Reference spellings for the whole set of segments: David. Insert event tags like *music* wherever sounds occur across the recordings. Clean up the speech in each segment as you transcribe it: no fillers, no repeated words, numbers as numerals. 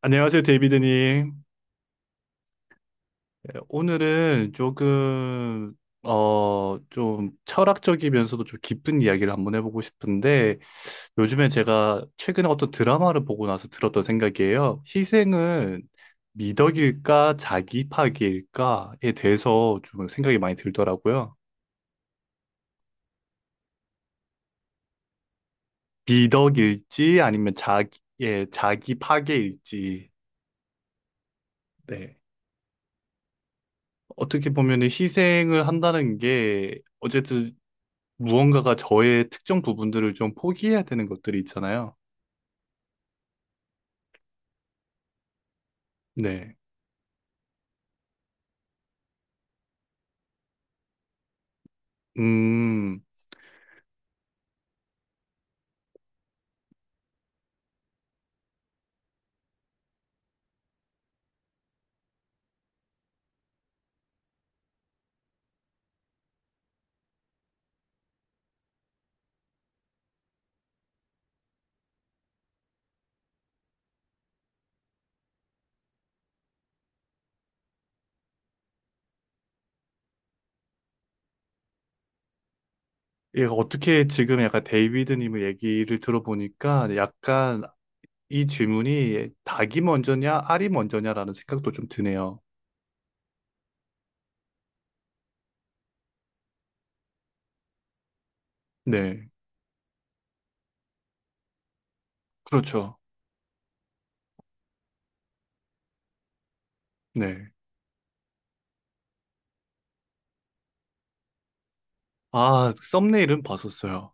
안녕하세요, 데이비드님. 예, 오늘은 조금, 좀 철학적이면서도 좀 깊은 이야기를 한번 해보고 싶은데, 요즘에 제가 최근에 어떤 드라마를 보고 나서 들었던 생각이에요. 희생은 미덕일까, 자기 파기일까에 대해서 좀 생각이 많이 들더라고요. 미덕일지, 아니면 자기, 예, 자기 파괴일지. 네. 어떻게 보면 희생을 한다는 게, 어쨌든 무언가가 저의 특정 부분들을 좀 포기해야 되는 것들이 있잖아요. 네. 음, 얘가 어떻게 지금 약간 데이비드님 의 얘기를 들어보니까 약간 이 질문이 닭이 먼저냐, 알이 먼저냐라는 생각도 좀 드네요. 네. 그렇죠. 네. 아, 썸네일은 봤었어요.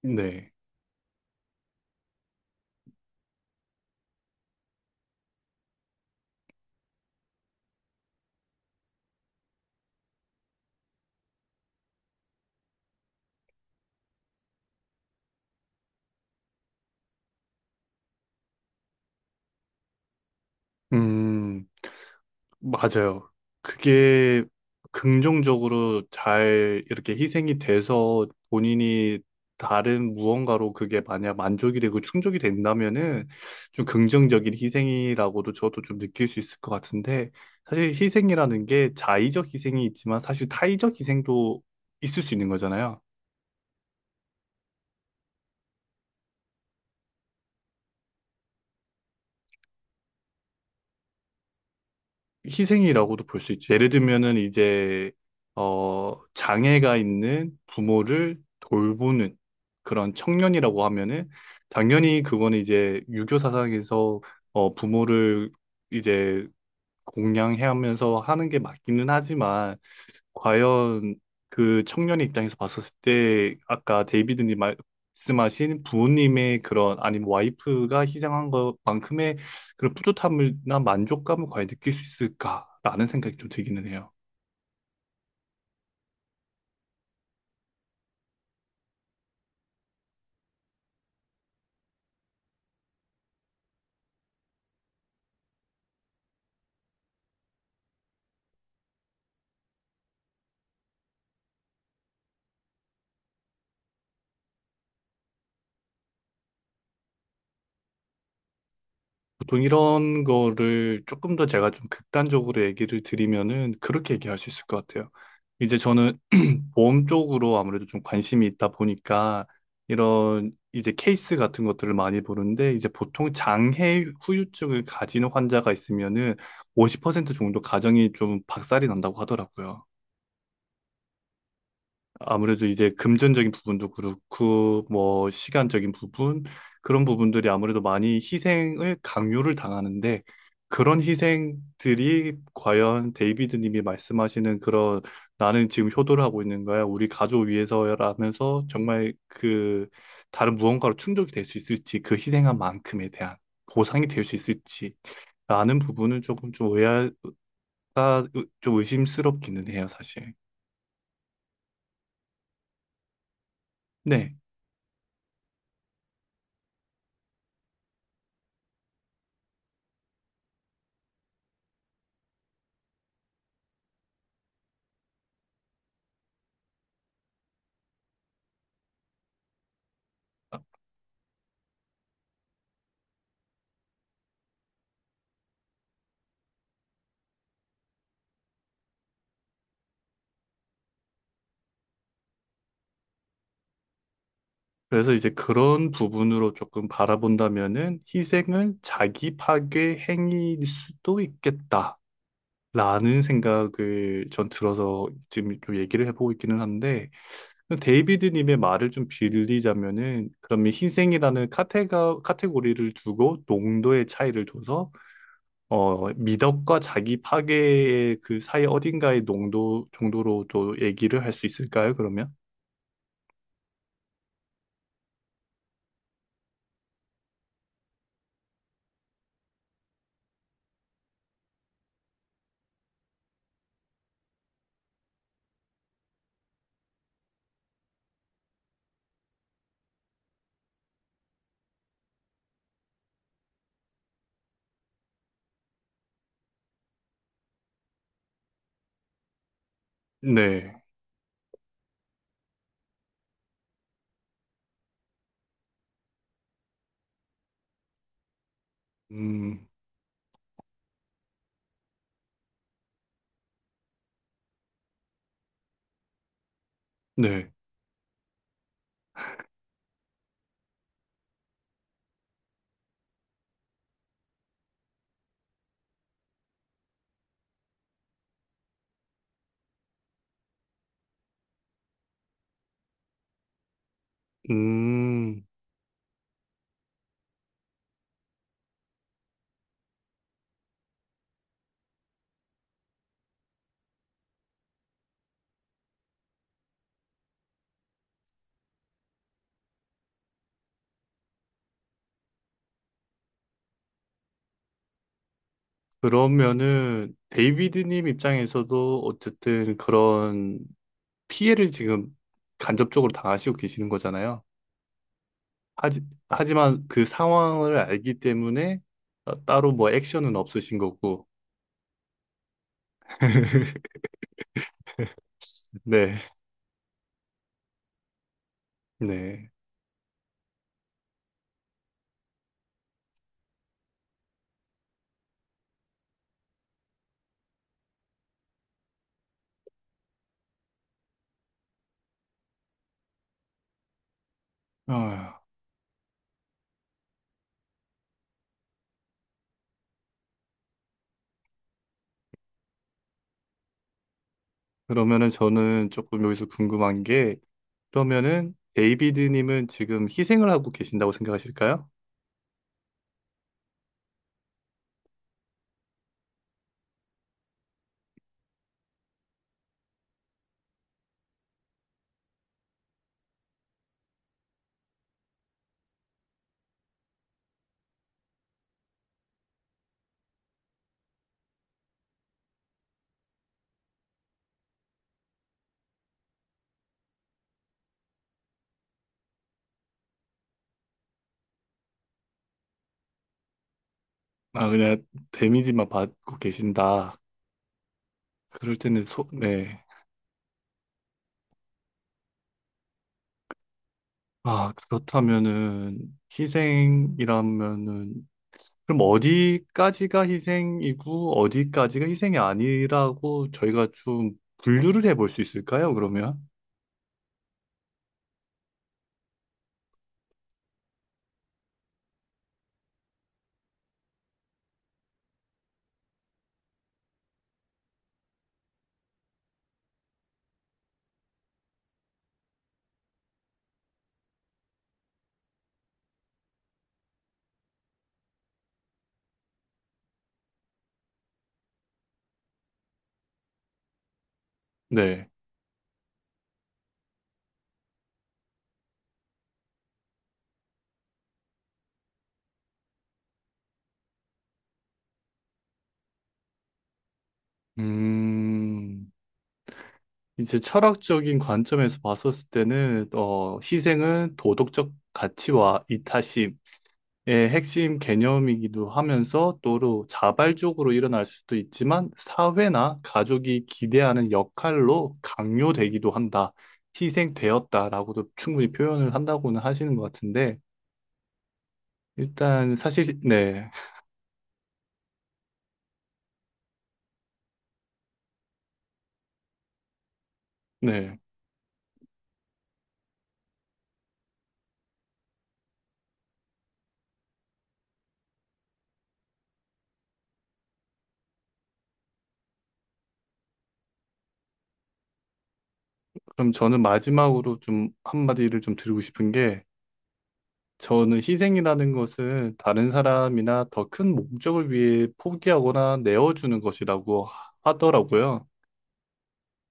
네. 음. 맞아요. 그게 긍정적으로 잘 이렇게 희생이 돼서 본인이 다른 무언가로 그게 만약 만족이 되고 충족이 된다면은 좀 긍정적인 희생이라고도 저도 좀 느낄 수 있을 것 같은데 사실 희생이라는 게 자의적 희생이 있지만 사실 타의적 희생도 있을 수 있는 거잖아요. 희생이라고도 볼 수 있죠. 예를 들면은 이제 장애가 있는 부모를 돌보는 그런 청년이라고 하면은 당연히 그거는 이제 유교 사상에서 부모를 이제 공양해 하면서 하는 게 맞기는 하지만 과연 그 청년의 입장에서 봤었을 때 아까 데이비드님 말씀하신 부모님의 그런 아니면 와이프가 희생한 것만큼의 그런 뿌듯함이나 만족감을 과연 느낄 수 있을까라는 생각이 좀 들기는 해요. 보통 이런 거를 조금 더 제가 좀 극단적으로 얘기를 드리면은 그렇게 얘기할 수 있을 것 같아요. 이제 저는 보험 쪽으로 아무래도 좀 관심이 있다 보니까 이런 이제 케이스 같은 것들을 많이 보는데 이제 보통 장해 후유증을 가지는 환자가 있으면은 50% 정도 가정이 좀 박살이 난다고 하더라고요. 아무래도 이제 금전적인 부분도 그렇고 뭐 시간적인 부분 그런 부분들이 아무래도 많이 희생을 강요를 당하는데 그런 희생들이 과연 데이비드 님이 말씀하시는 그런 나는 지금 효도를 하고 있는 거야. 우리 가족 위해서라면서 정말 그 다른 무언가로 충족이 될 수 있을지 그 희생한 만큼에 대한 보상이 될 수 있을지 라는 부분은 조금 좀 의아가 좀 의심스럽기는 해요, 사실. 네. 그래서 이제 그런 부분으로 조금 바라본다면은 희생은 자기 파괴 행위일 수도 있겠다라는 생각을 전 들어서 지금 좀 얘기를 해보고 있기는 한데 데이비드님의 말을 좀 빌리자면은 그러면 희생이라는 카테고리를 두고 농도의 차이를 둬서 미덕과 자기 파괴의 그 사이 어딘가의 농도 정도로도 얘기를 할 수 있을까요, 그러면? 네. 음, 네. 음. 그러면은 데이비드님 입장에서도 어쨌든 그런 피해를 지금 간접적으로 당하시고 계시는 거잖아요. 하지, 하지만 그 상황을 알기 때문에 따로 뭐 액션은 없으신 거고. *laughs* 네, 네. 아, 그러면은 저는 조금 여기서 궁금한 게 그러면은 데이비드님은 지금 희생을 하고 계신다고 생각하실까요? 아, 그냥 데미지만 받고 계신다. 그럴 때는 네. 아, 그렇다면은 희생이라면은 그럼 어디까지가 희생이고 어디까지가 희생이 아니라고 저희가 좀 분류를 해볼 수 있을까요, 그러면? 네. 음, 이제 철학적인 관점에서 봤었을 때는 희생은 도덕적 가치와 이타심 의 핵심 개념이기도 하면서 또로 자발적으로 일어날 수도 있지만 사회나 가족이 기대하는 역할로 강요되기도 한다. 희생되었다라고도 충분히 표현을 한다고는 하시는 것 같은데 일단 사실 네. 네. 그럼 저는 마지막으로 좀 한마디를 좀 드리고 싶은 게 저는 희생이라는 것은 다른 사람이나 더 큰 목적을 위해 포기하거나 내어주는 것이라고 하더라고요.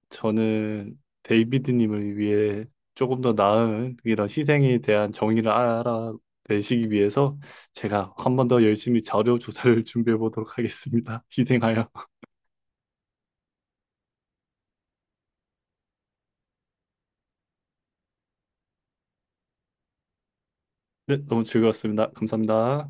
저는 데이비드님을 위해 조금 더 나은 이런 희생에 대한 정의를 알아내시기 위해서 제가 한 번 더 열심히 자료 조사를 *laughs* 준비해 보도록 하겠습니다. 희생하여. 네, 너무 즐거웠습니다. 감사합니다.